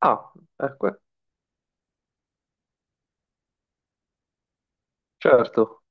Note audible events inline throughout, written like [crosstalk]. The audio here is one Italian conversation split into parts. Ah, ecco, certo.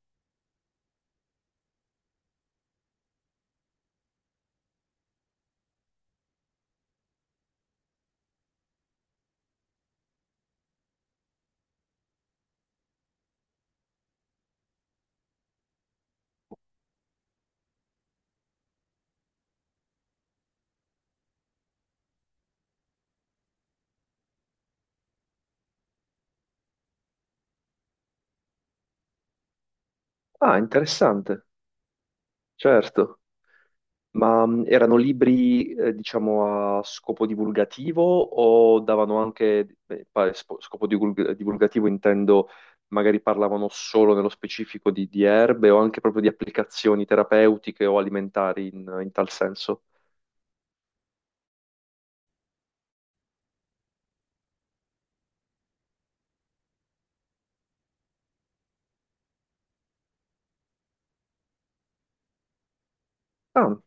Ah, interessante, certo. Ma erano libri, diciamo, a scopo divulgativo o davano anche, scopo divulgativo intendo, magari parlavano solo nello specifico di erbe o anche proprio di applicazioni terapeutiche o alimentari in tal senso? Ah,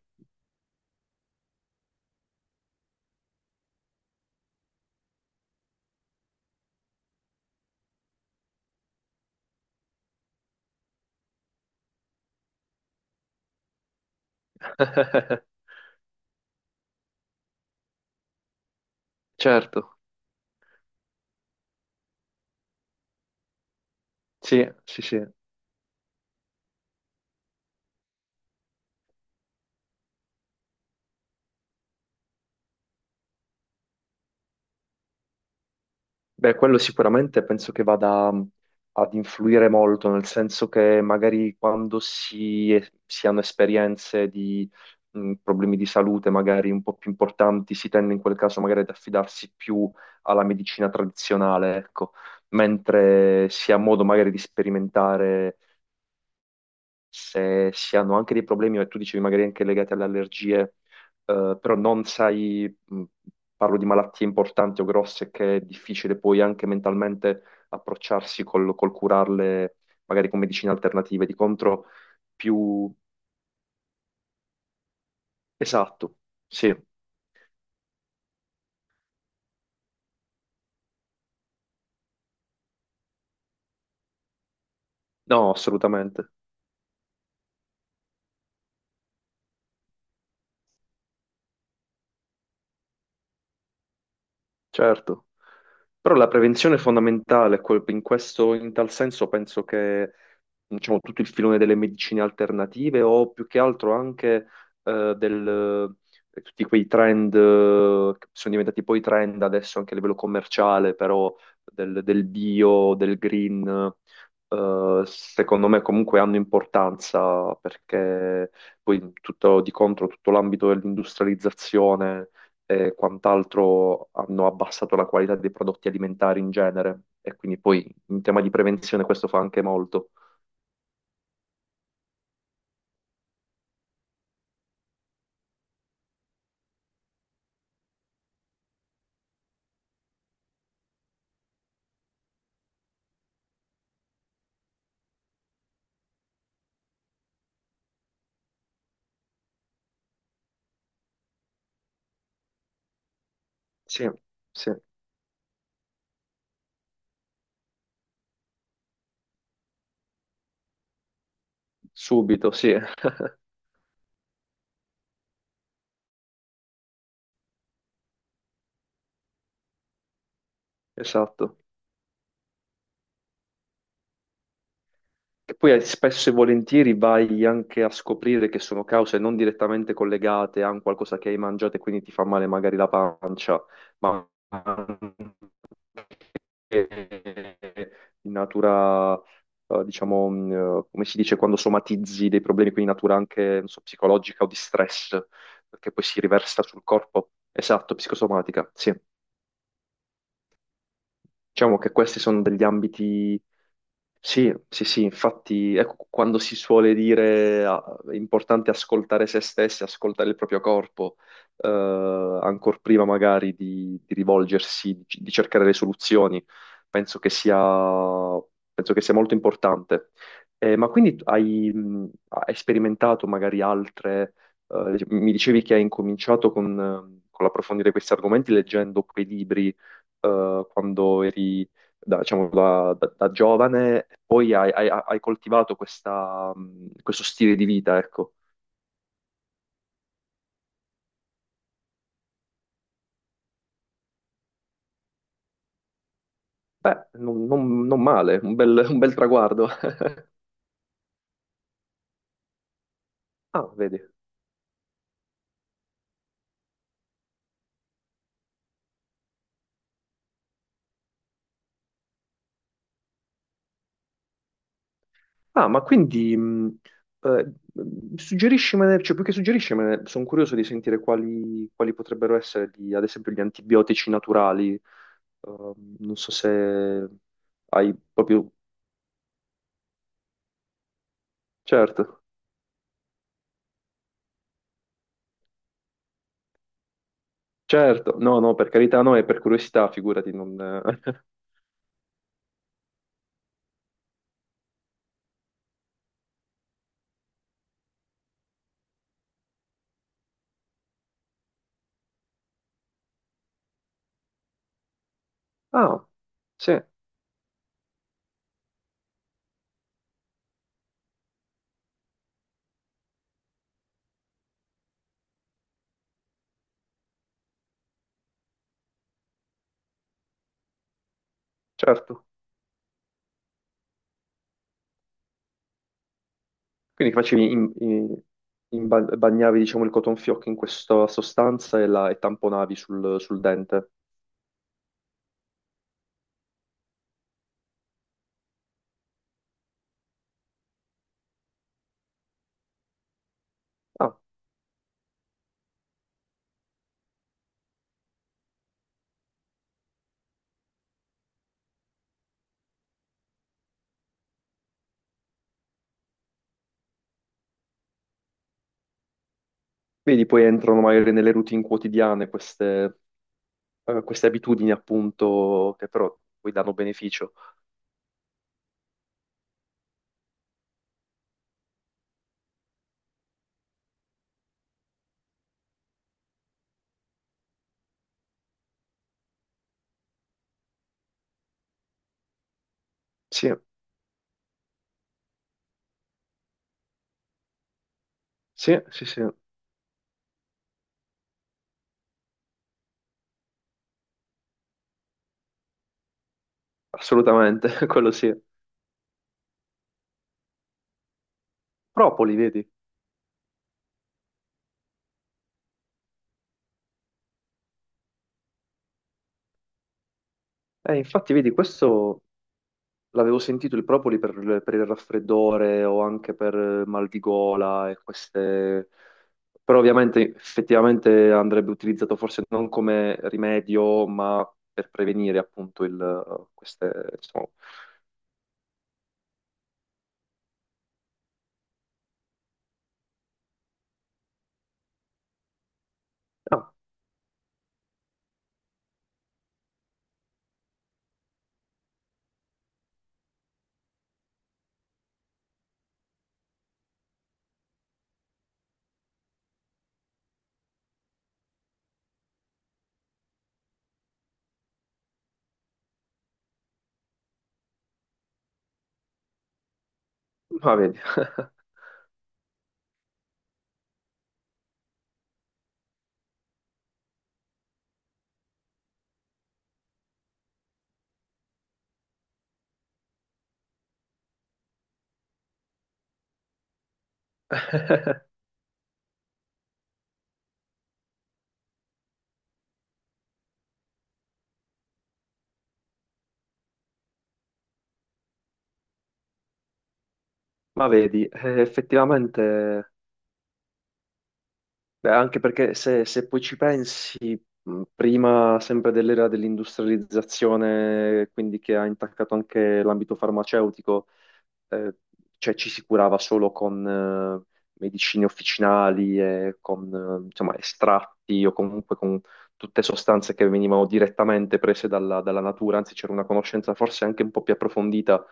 [laughs] certo, sì, sì, sì. Beh, quello sicuramente penso che vada ad influire molto, nel senso che magari quando si hanno esperienze di problemi di salute magari un po' più importanti, si tende in quel caso magari ad affidarsi più alla medicina tradizionale, ecco, mentre si ha modo magari di sperimentare se si hanno anche dei problemi, e tu dicevi magari anche legati alle allergie, però non sai, parlo di malattie importanti o grosse, che è difficile poi anche mentalmente approcciarsi col curarle, magari con medicine alternative, di contro più... Esatto, sì, no, assolutamente, certo. Però la prevenzione è fondamentale, in questo, in tal senso penso che diciamo, tutto il filone delle medicine alternative o più che altro anche eh, del, tutti quei trend che sono diventati poi trend adesso anche a livello commerciale, però del bio, del green, secondo me comunque hanno importanza perché poi tutto di contro tutto l'ambito dell'industrializzazione e quant'altro hanno abbassato la qualità dei prodotti alimentari in genere e quindi poi in tema di prevenzione questo fa anche molto. Sì, sì, subito, sì, [laughs] esatto. E poi spesso e volentieri vai anche a scoprire che sono cause non direttamente collegate a un qualcosa che hai mangiato e quindi ti fa male magari la pancia, ma anche in natura, diciamo, come si dice, quando somatizzi dei problemi, quindi in natura anche, non so, psicologica o di stress, che poi si riversa sul corpo. Esatto, psicosomatica, sì. Diciamo che questi sono degli ambiti. Sì, sì, sì, infatti, ecco, quando si suole dire ah, è importante ascoltare se stessi, ascoltare il proprio corpo, eh, ancor prima magari di rivolgersi, di cercare le soluzioni, penso che sia, penso che sia molto importante. Ma quindi tu hai, hai sperimentato magari altre, mi dicevi che hai incominciato con l'approfondire questi argomenti leggendo quei libri, quando eri diciamo, da giovane, poi hai coltivato questa, questo stile di vita, ecco. Beh, non male, un bel, [laughs] un bel traguardo. [laughs] Ah, vedi. Ah, ma quindi, eh, suggeriscimene, cioè più che suggeriscimene, sono curioso di sentire quali potrebbero essere, ad esempio, gli antibiotici naturali. Non so se hai proprio... Certo, certo. No, no, per carità, no, è per curiosità, figurati, non... [laughs] Ah, sì. Certo, quindi facevi bagnavi diciamo il cotton fioc in questa sostanza e tamponavi sul dente. Ah, vedi, poi entrano magari nelle routine quotidiane queste, queste abitudini appunto che però poi danno beneficio. Sì, sì, sì, sì, assolutamente, [laughs] quello sì. Propoli, vedi? Infatti, vedi, questo l'avevo sentito, il propoli per il raffreddore o anche per mal di gola e queste... Però ovviamente effettivamente andrebbe utilizzato forse non come rimedio, ma per prevenire appunto il, queste... Insomma... Ah, ma vedi, [laughs] ma vedi, effettivamente, beh, anche perché se poi ci pensi, prima sempre dell'era dell'industrializzazione, quindi che ha intaccato anche l'ambito farmaceutico, eh, cioè ci si curava solo con medicine officinali e con insomma, estratti o comunque con tutte sostanze che venivano direttamente prese dalla natura, anzi c'era una conoscenza forse anche un po' più approfondita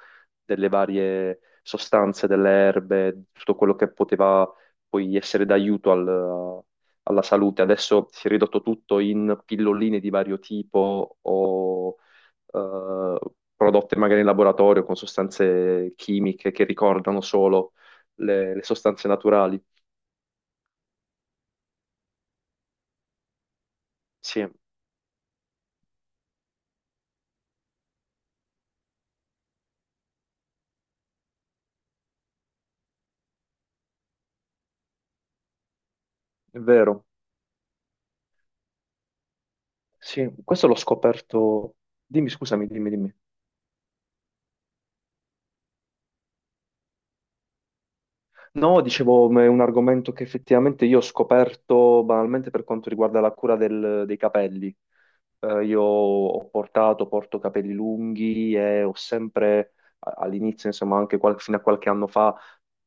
delle varie sostanze, delle erbe, di tutto quello che poteva poi essere d'aiuto alla salute. Adesso si è ridotto tutto in pilloline di vario tipo o eh, prodotte magari in laboratorio con sostanze chimiche che ricordano solo le sostanze naturali. Sì, è vero. Sì, questo l'ho scoperto. Dimmi, scusami, dimmi, dimmi. No, dicevo, ma è un argomento che effettivamente io ho scoperto banalmente per quanto riguarda la cura dei capelli. Porto capelli lunghi e ho sempre all'inizio, insomma, anche fino a qualche anno fa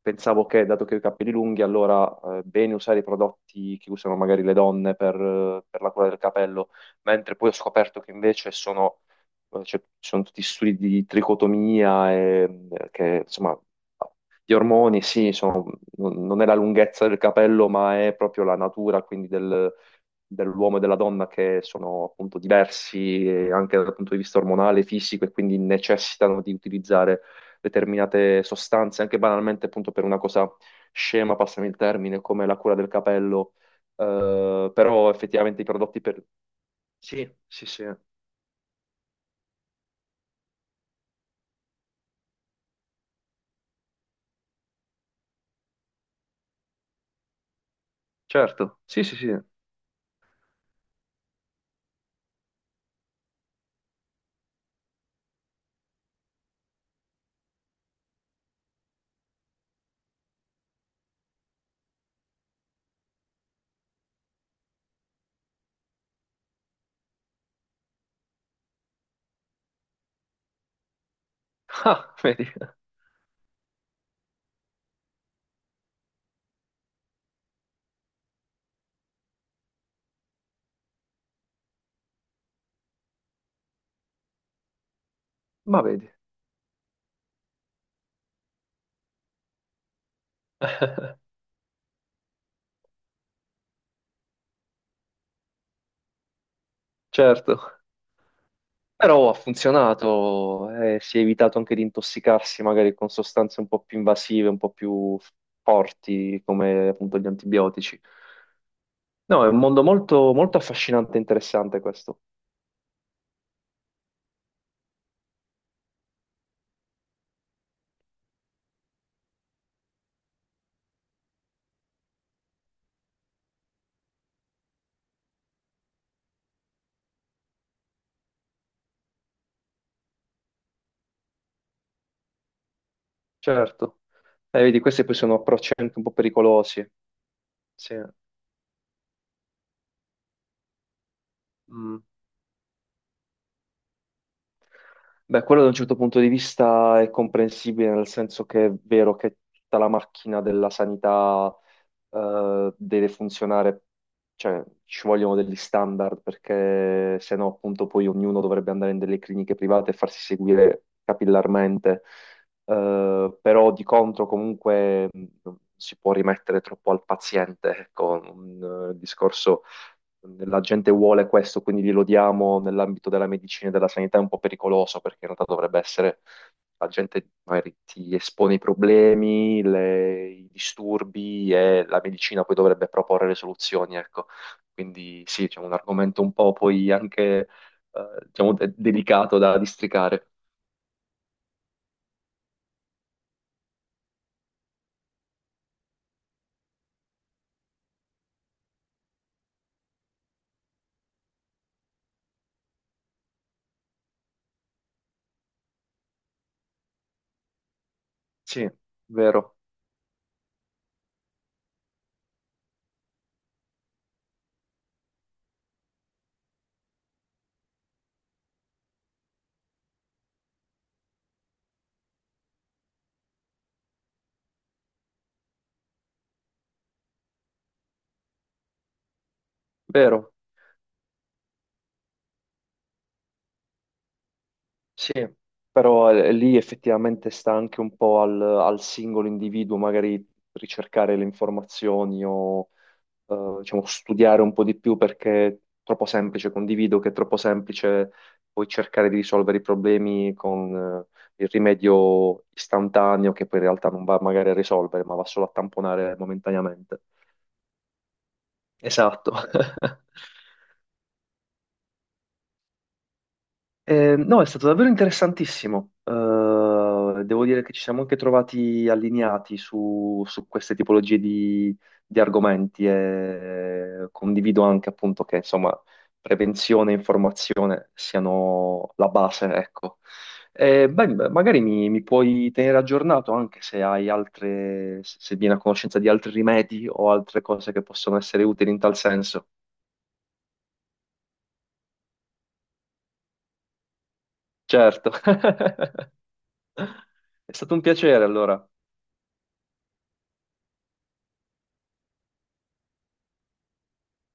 pensavo che, dato che ho i capelli lunghi, allora bene usare i prodotti che usano magari le donne per la cura del capello, mentre poi ho scoperto che invece sono, cioè, ci sono tutti studi di tricotomia e che, insomma, gli ormoni, sì, sono- non è la lunghezza del capello, ma è proprio la natura, quindi dell'uomo e della donna che sono appunto diversi anche dal punto di vista ormonale, fisico, e quindi necessitano di utilizzare determinate sostanze, anche banalmente appunto per una cosa scema, passami il termine, come la cura del capello, però effettivamente i prodotti per... Sì, sì, sì, certo, sì, sì, sì. [laughs] Ah, vedi, ma vedi, certo. Però ha funzionato, si è evitato anche di intossicarsi magari con sostanze un po' più invasive, un po' più forti, come appunto gli antibiotici. No, è un mondo molto, molto affascinante e interessante questo. Certo. Vedi, questi poi sono approcci anche un po' pericolosi. Sì. Mm. Beh, quello da un certo punto di vista è comprensibile, nel senso che è vero che tutta la macchina della sanità deve funzionare, cioè ci vogliono degli standard, perché se no appunto poi ognuno dovrebbe andare in delle cliniche private e farsi seguire capillarmente. Però di contro comunque non si può rimettere troppo al paziente, ecco, un discorso la gente vuole questo, quindi glielo diamo nell'ambito della medicina e della sanità, è un po' pericoloso perché in realtà dovrebbe essere, la gente magari ti espone i problemi, i disturbi e la medicina poi dovrebbe proporre le soluzioni, ecco. Quindi sì, c'è un argomento un po' poi anche, diciamo, delicato da districare. Sì, vero, vero. Sì, però lì effettivamente sta anche un po' al singolo individuo magari ricercare le informazioni o diciamo, studiare un po' di più perché è troppo semplice, condivido che è troppo semplice poi cercare di risolvere i problemi con il rimedio istantaneo che poi in realtà non va magari a risolvere, ma va solo a tamponare momentaneamente. Esatto. [laughs] No, è stato davvero interessantissimo. Devo dire che ci siamo anche trovati allineati su queste tipologie di argomenti e condivido anche appunto che insomma prevenzione e informazione siano la base, ecco. Beh, magari mi puoi tenere aggiornato anche se hai altre, se vieni a conoscenza di altri rimedi o altre cose che possono essere utili in tal senso. Certo. [laughs] È stato un piacere allora.